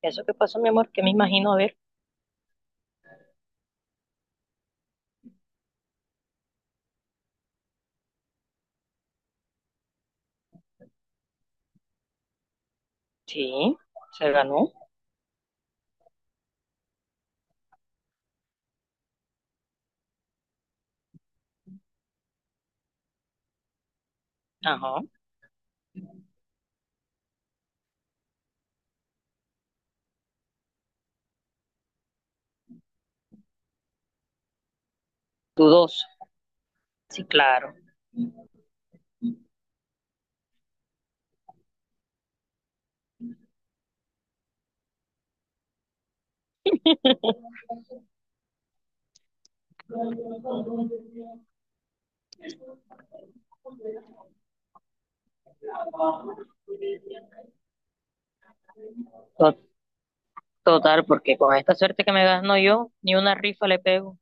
¿Eso qué pasó, mi amor? Que me imagino, a ver. Sí, se ganó. Ajá. Dudoso. Sí, claro. To- Total, porque con esta suerte que me gano yo, ni una rifa le pego.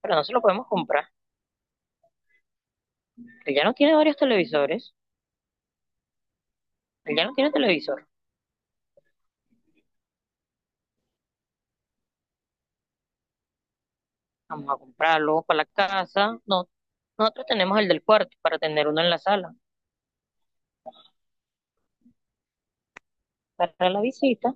Pero no se lo podemos comprar. Él ya no tiene varios televisores. Él ya no tiene televisor. Vamos a comprarlo para la casa. No, nosotros tenemos el del cuarto para tener uno en la sala para la visita.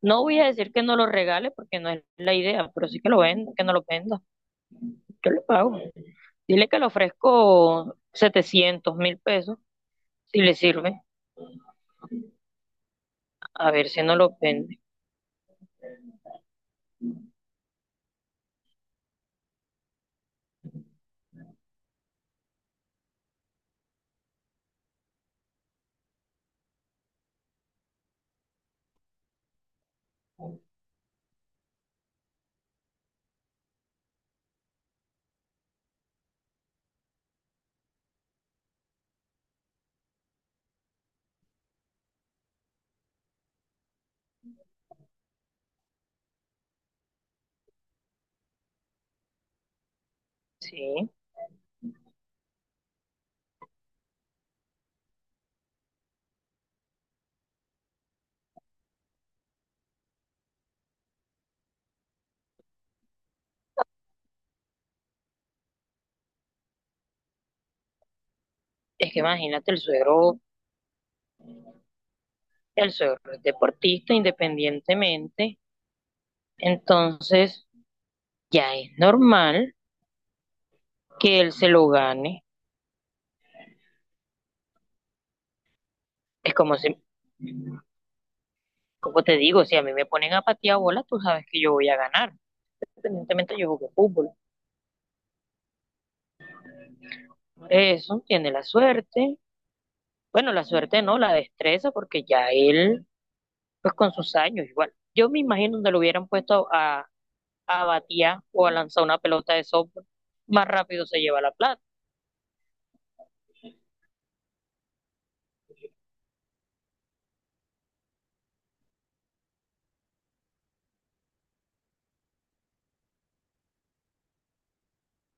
No voy a decir que no lo regale porque no es la idea, pero sí que lo venda, que no lo venda. Yo le pago. Dile que le ofrezco 700.000 pesos. Si le sirve, a ver si no lo vende. Sí, es que imagínate, el suegro es deportista independientemente, entonces ya es normal que él se lo gane. Es como si, como te digo, si a mí me ponen a patear bola, tú sabes que yo voy a ganar. Independientemente yo jugué fútbol. Por eso tiene la suerte. Bueno, la suerte no, la destreza, porque ya él, pues con sus años igual. Yo me imagino donde lo hubieran puesto a batear o a lanzar una pelota de softball, más rápido se lleva la plata.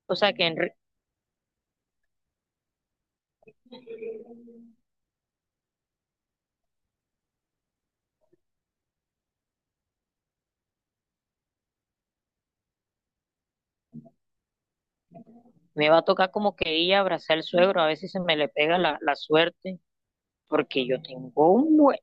O sea que en re- Me va a tocar como que ir a abrazar al suegro, a ver si se me le pega la suerte, porque yo tengo un buen,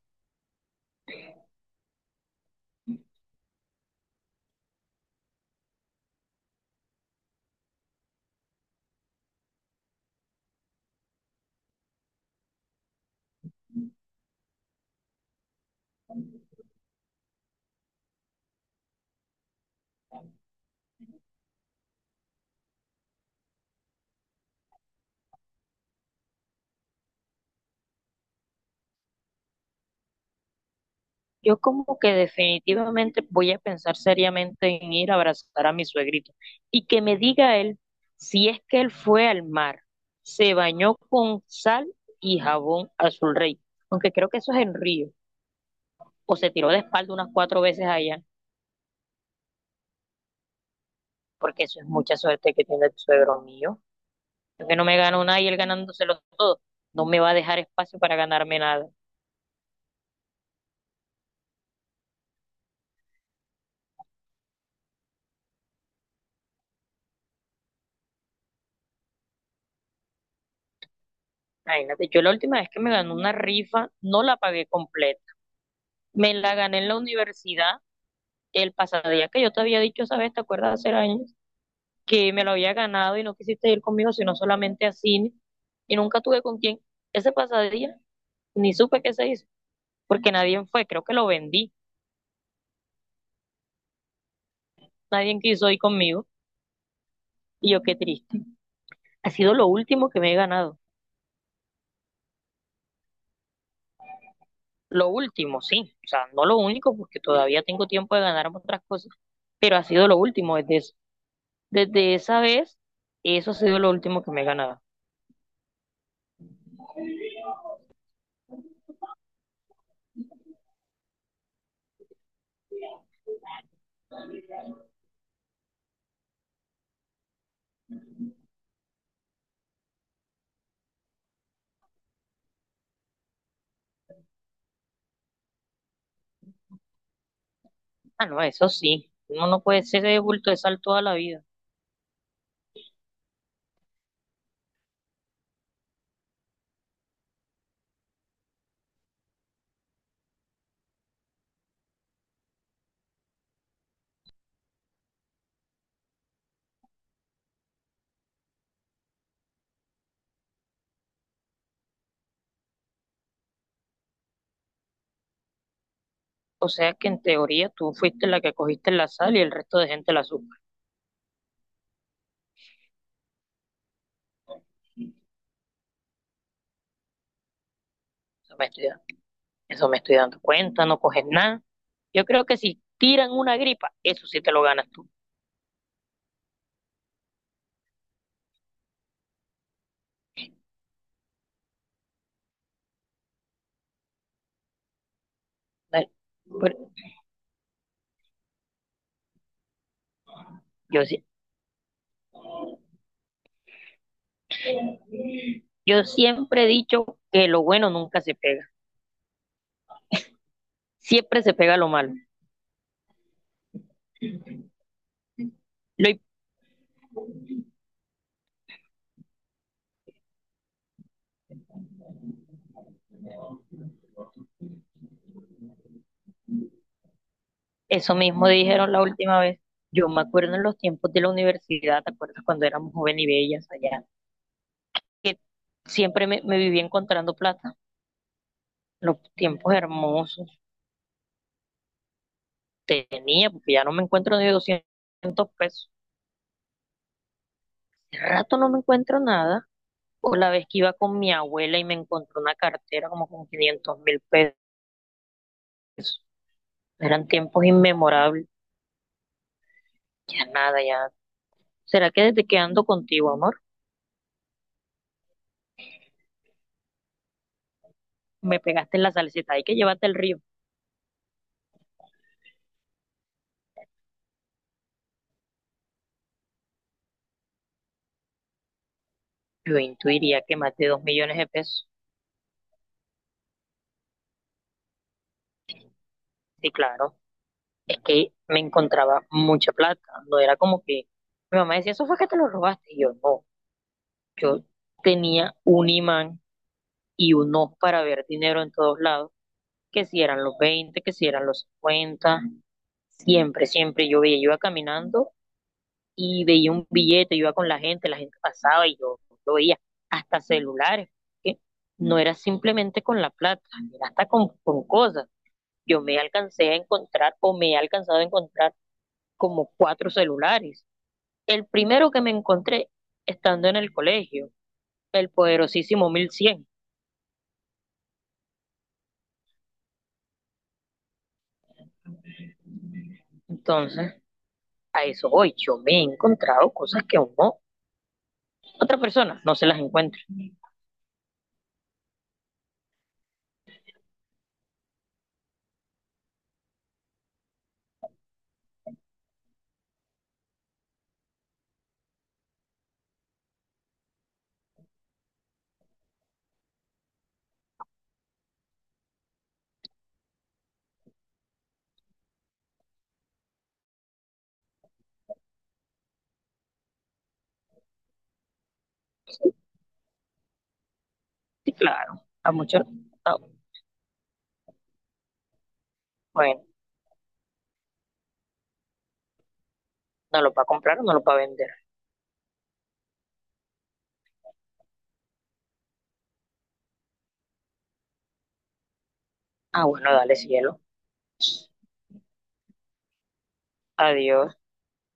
yo como que definitivamente voy a pensar seriamente en ir a abrazar a mi suegrito y que me diga él si es que él fue al mar, se bañó con sal y jabón azul rey, aunque creo que eso es en Río, o se tiró de espalda unas cuatro veces allá, porque eso es mucha suerte que tiene el suegro mío. Yo que no me gano nada y él ganándoselo todo. No me va a dejar espacio para ganarme nada. Imagínate, yo la última vez que me gané una rifa, no la pagué completa. Me la gané en la universidad el pasado día que yo te había dicho esa vez, ¿te acuerdas? Hace años, que me lo había ganado y no quisiste ir conmigo, sino solamente a cine. Y nunca tuve con quién. Ese pasadía ni supe qué se hizo, porque nadie fue. Creo que lo vendí. Nadie quiso ir conmigo. Y yo, qué triste. Ha sido lo último que me he ganado. Lo último, sí, o sea, no lo único, porque todavía tengo tiempo de ganar otras cosas, pero ha sido lo último desde esa vez, eso ha sido lo último que me he ganado. Ah, no, eso sí, uno no puede ser de bulto de sal toda la vida. O sea que en teoría tú fuiste la que cogiste la sal y el resto de gente la azúcar. Eso me estoy, da- Eso me estoy dando cuenta, no coges nada. Yo creo que si tiran una gripa, eso sí te lo ganas tú. Dale. Pero yo, sí- yo siempre he dicho que lo bueno nunca se pega, siempre se pega lo malo. Lo Eso mismo dijeron la última vez. Yo me acuerdo en los tiempos de la universidad, ¿te acuerdas cuando éramos jóvenes y bellas allá? Que siempre me vivía encontrando plata. Los tiempos hermosos tenía, porque ya no me encuentro ni 200 pesos. Hace rato no me encuentro nada. O la vez que iba con mi abuela y me encontró una cartera como con 500.000 pesos. Eran tiempos inmemorables. Ya nada, ya. ¿Será que desde que ando contigo, amor, me pegaste en la salsita? Hay que llevarte el río. Yo intuiría que más de 2 millones de pesos. Sí, claro. Es que me encontraba mucha plata. No era como que mi mamá decía, eso fue que te lo robaste. Y yo, no. Yo tenía un imán y un ojo para ver dinero en todos lados. Que si eran los 20, que si eran los 50. Siempre, siempre yo veía. Yo iba caminando y veía un billete, yo iba con la gente pasaba y yo lo veía. Hasta celulares. Que No era simplemente con la plata, era hasta con cosas. Yo me alcancé a encontrar o me he alcanzado a encontrar como cuatro celulares. El primero que me encontré estando en el colegio, el poderosísimo 1100. Entonces, a eso voy. Yo me he encontrado cosas que aún no, otra persona no se las encuentra. Sí, claro, a muchos, no. Bueno, no lo va a comprar o no lo va a vender. Ah, bueno, dale cielo. Adiós.